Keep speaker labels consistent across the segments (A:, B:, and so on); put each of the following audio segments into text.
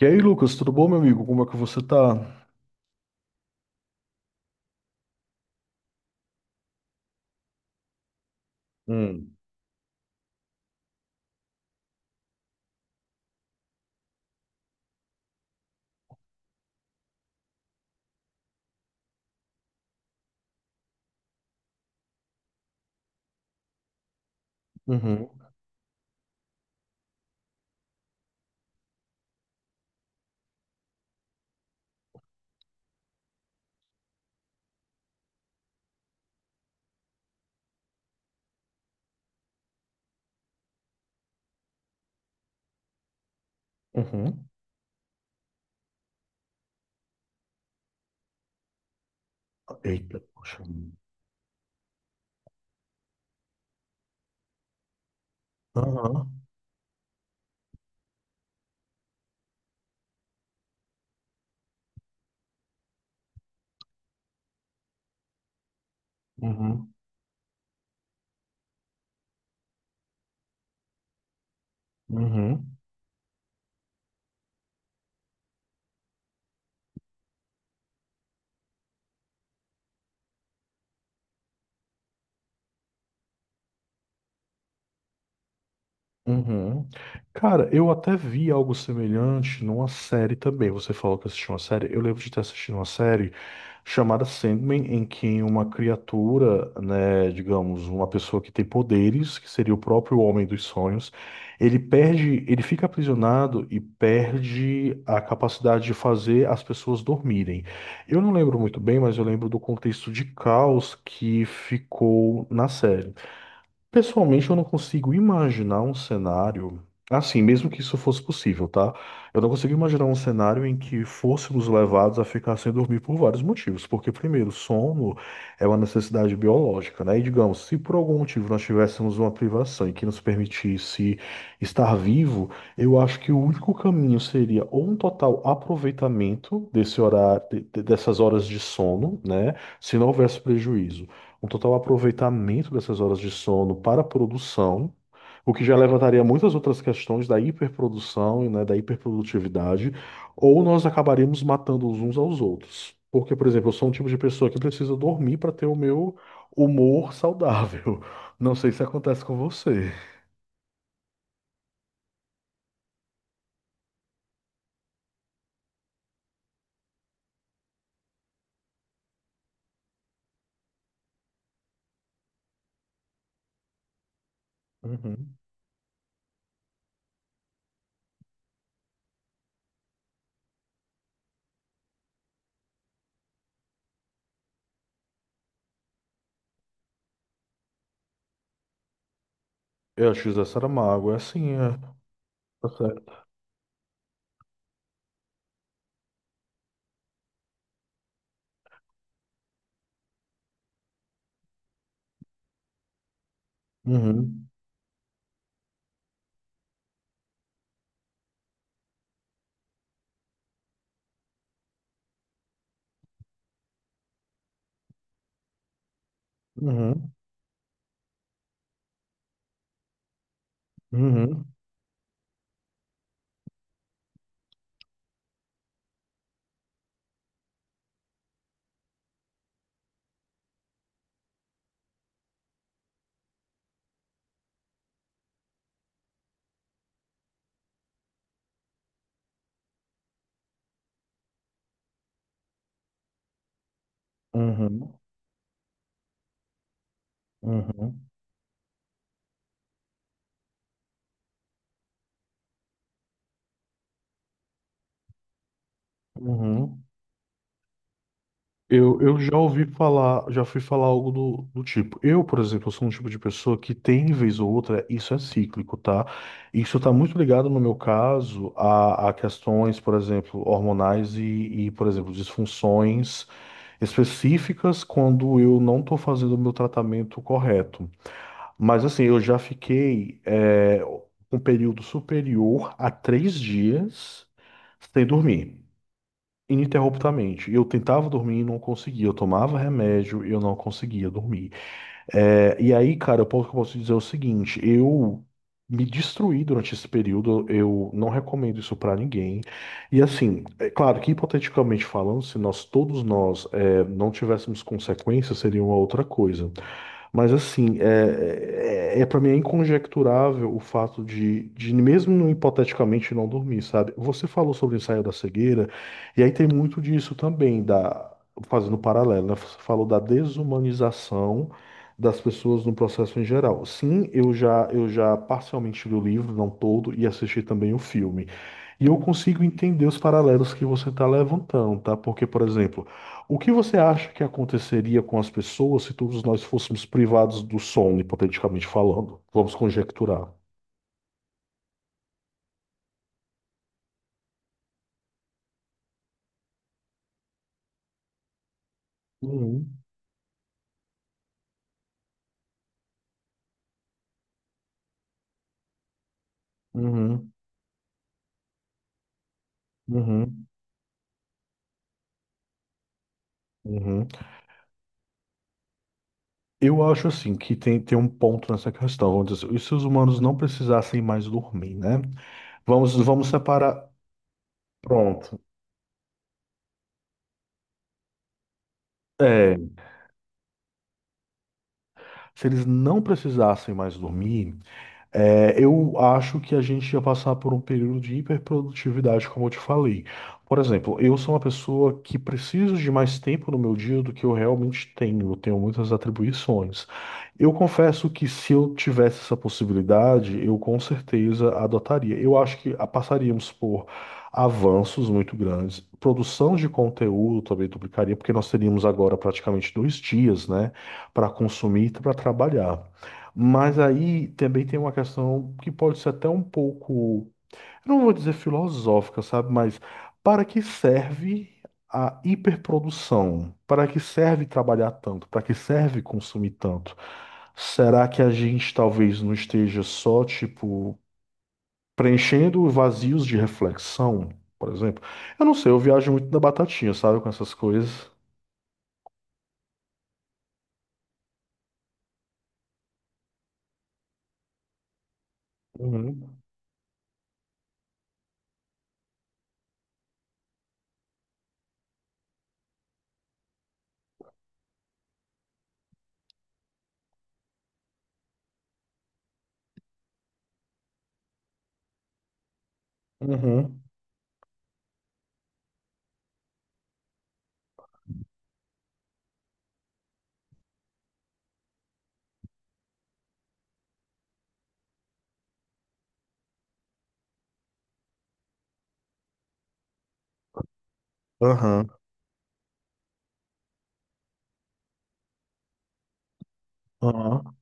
A: E aí, Lucas, tudo bom, meu amigo? Como é que você tá? Hum, uhum, uhum. Eita, poxa. Aham, uhum, uhum. Uhum. Cara, eu até vi algo semelhante numa série também. Você falou que assistiu uma série. Eu lembro de ter assistido uma série chamada Sandman, em que uma criatura, né, digamos, uma pessoa que tem poderes, que seria o próprio Homem dos Sonhos, ele perde, ele fica aprisionado e perde a capacidade de fazer as pessoas dormirem. Eu não lembro muito bem, mas eu lembro do contexto de caos que ficou na série. Pessoalmente, eu não consigo imaginar um cenário, assim, mesmo que isso fosse possível, tá? Eu não consigo imaginar um cenário em que fôssemos levados a ficar sem dormir por vários motivos. Porque, primeiro, sono é uma necessidade biológica, né? E, digamos, se por algum motivo nós tivéssemos uma privação e que nos permitisse estar vivo, eu acho que o único caminho seria ou um total aproveitamento desse horário, dessas horas de sono, né? Se não houvesse prejuízo um total aproveitamento dessas horas de sono para a produção, o que já levantaria muitas outras questões da hiperprodução e né, da hiperprodutividade, ou nós acabaríamos matando os uns aos outros. Porque, por exemplo, eu sou um tipo de pessoa que precisa dormir para ter o meu humor saudável. Não sei se acontece com você. Uhum. Eu acho que José Saramago, é assim, é. Tá certo. Uhum. Uhum. Uhum. Uhum. Uhum. Uhum. Eu já ouvi falar, já fui falar algo do tipo. Eu, por exemplo, sou um tipo de pessoa que tem, vez ou outra, isso é cíclico, tá? Isso tá muito ligado, no meu caso, a questões, por exemplo, hormonais e por exemplo, disfunções específicas quando eu não tô fazendo o meu tratamento correto. Mas, assim, eu já fiquei, um período superior a 3 dias sem dormir ininterruptamente. Eu tentava dormir e não conseguia. Eu tomava remédio e eu não conseguia dormir. É, e aí, cara, eu posso dizer é o seguinte: eu me destruí durante esse período. Eu não recomendo isso pra ninguém. E assim, é claro que hipoteticamente falando, se nós todos não tivéssemos consequências, seria uma outra coisa. Mas assim, para mim é inconjecturável o fato de mesmo hipoteticamente, não dormir, sabe? Você falou sobre o ensaio da cegueira, e aí tem muito disso também, fazendo um paralelo, né? Você falou da desumanização das pessoas no processo em geral. Sim, eu já parcialmente li o livro, não todo, e assisti também o filme. E eu consigo entender os paralelos que você está levantando, tá? Porque, por exemplo, o que você acha que aconteceria com as pessoas se todos nós fôssemos privados do som, hipoteticamente falando? Vamos conjecturar. Uhum, uhum, uhum, uhum. Eu acho assim que tem um ponto nessa questão. Vamos dizer, e se os humanos não precisassem mais dormir, né? Vamos separar. Pronto. É, se eles não precisassem mais dormir, é, eu acho que a gente ia passar por um período de hiperprodutividade, como eu te falei. Por exemplo, eu sou uma pessoa que preciso de mais tempo no meu dia do que eu realmente tenho. Eu tenho muitas atribuições. Eu confesso que se eu tivesse essa possibilidade, eu com certeza adotaria. Eu acho que passaríamos por avanços muito grandes. Produção de conteúdo também duplicaria, porque nós teríamos agora praticamente 2 dias, né, para consumir e para trabalhar. Mas aí também tem uma questão que pode ser até um pouco, eu não vou dizer filosófica, sabe? Mas para que serve a hiperprodução? Para que serve trabalhar tanto? Para que serve consumir tanto? Será que a gente talvez não esteja só, tipo, preenchendo vazios de reflexão, por exemplo? Eu não sei, eu viajo muito na batatinha, sabe? Com essas coisas. Uhum. Uhum. Aham. Aham.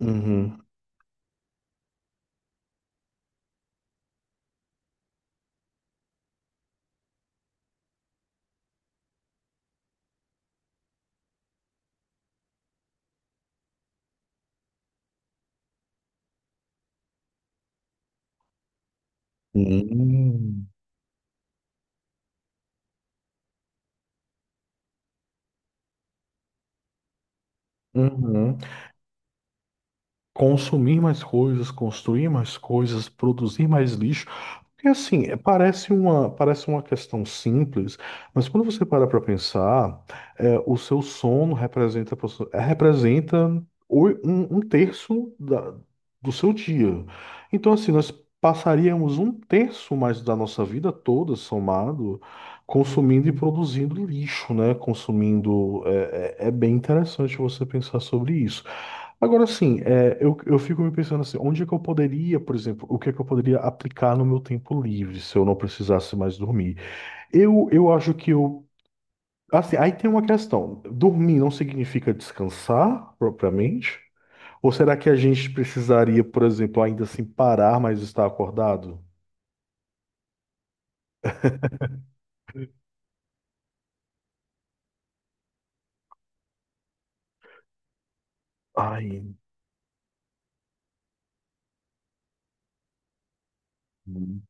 A: Uhum. Uhum. Uhum. Consumir mais coisas, construir mais coisas, produzir mais lixo. Porque assim, parece uma questão simples, mas quando você para para pensar, o seu sono representa, representa um, um terço do seu dia. Então, assim, nós passaríamos um terço mais da nossa vida toda somado, consumindo e produzindo lixo, né? Consumindo. É bem interessante você pensar sobre isso. Agora sim, eu fico me pensando assim, onde é que eu poderia, por exemplo, o que é que eu poderia aplicar no meu tempo livre se eu não precisasse mais dormir? Eu acho que eu. Assim, aí tem uma questão. Dormir não significa descansar propriamente? Ou será que a gente precisaria, por exemplo, ainda assim parar, mas estar acordado? Ai, hum.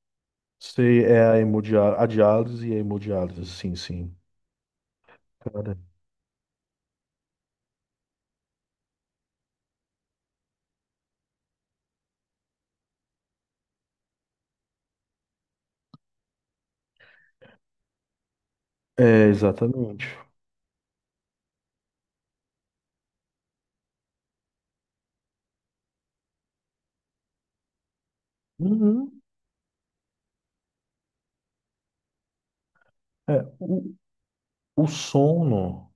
A: Sei, é a hemodiálise, a diálise e a hemodiálise, sim, sim. Cara. É, exatamente. Uhum. É, o, o sono.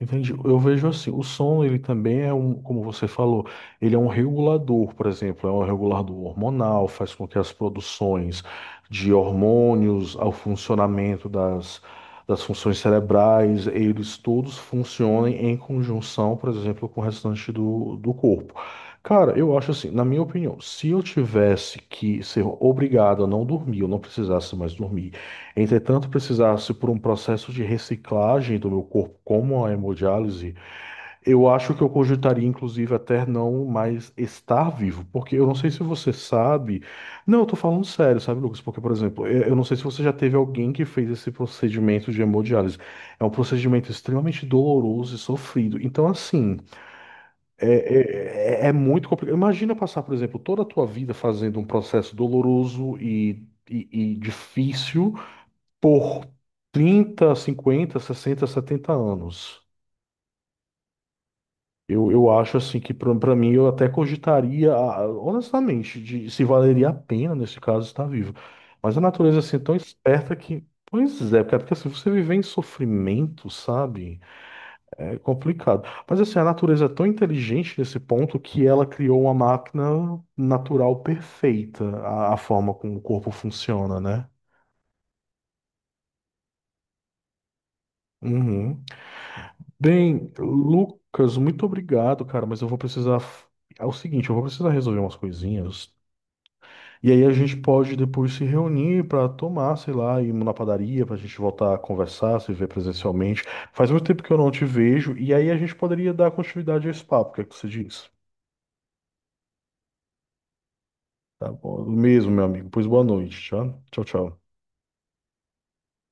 A: Entendi. Eu vejo assim, o som ele também é um, como você falou, ele é um regulador, por exemplo, é um regulador hormonal, faz com que as produções de hormônios, ao funcionamento das funções cerebrais, eles todos funcionem em conjunção, por exemplo, com o restante do corpo. Cara, eu acho assim, na minha opinião, se eu tivesse que ser obrigado a não dormir, eu não precisasse mais dormir, entretanto, precisasse por um processo de reciclagem do meu corpo, como a hemodiálise, eu acho que eu cogitaria, inclusive, até não mais estar vivo, porque eu não sei se você sabe. Não, eu tô falando sério, sabe, Lucas? Porque, por exemplo, eu não sei se você já teve alguém que fez esse procedimento de hemodiálise. É um procedimento extremamente doloroso e sofrido. Então, assim, muito complicado. Imagina passar, por exemplo, toda a tua vida fazendo um processo doloroso e difícil por 30, 50, 60, 70 anos. Eu acho assim que para mim eu até cogitaria, ah, honestamente, de se valeria a pena nesse caso estar vivo. Mas a natureza assim é tão esperta que, pois é, cara, porque assim, você viver em sofrimento, sabe? É complicado. Mas assim, a natureza é tão inteligente nesse ponto que ela criou uma máquina natural perfeita, a forma como o corpo funciona, né? Uhum. Bem, Lucas, muito obrigado, cara, mas eu vou precisar. É o seguinte, eu vou precisar resolver umas coisinhas. E aí a gente pode depois se reunir pra tomar, sei lá, ir na padaria, pra gente voltar a conversar, se ver presencialmente. Faz muito tempo que eu não te vejo, e aí a gente poderia dar continuidade a esse papo, o que é que você diz? Tá bom, mesmo, meu amigo. Pois boa noite, tá? Tchau, tchau.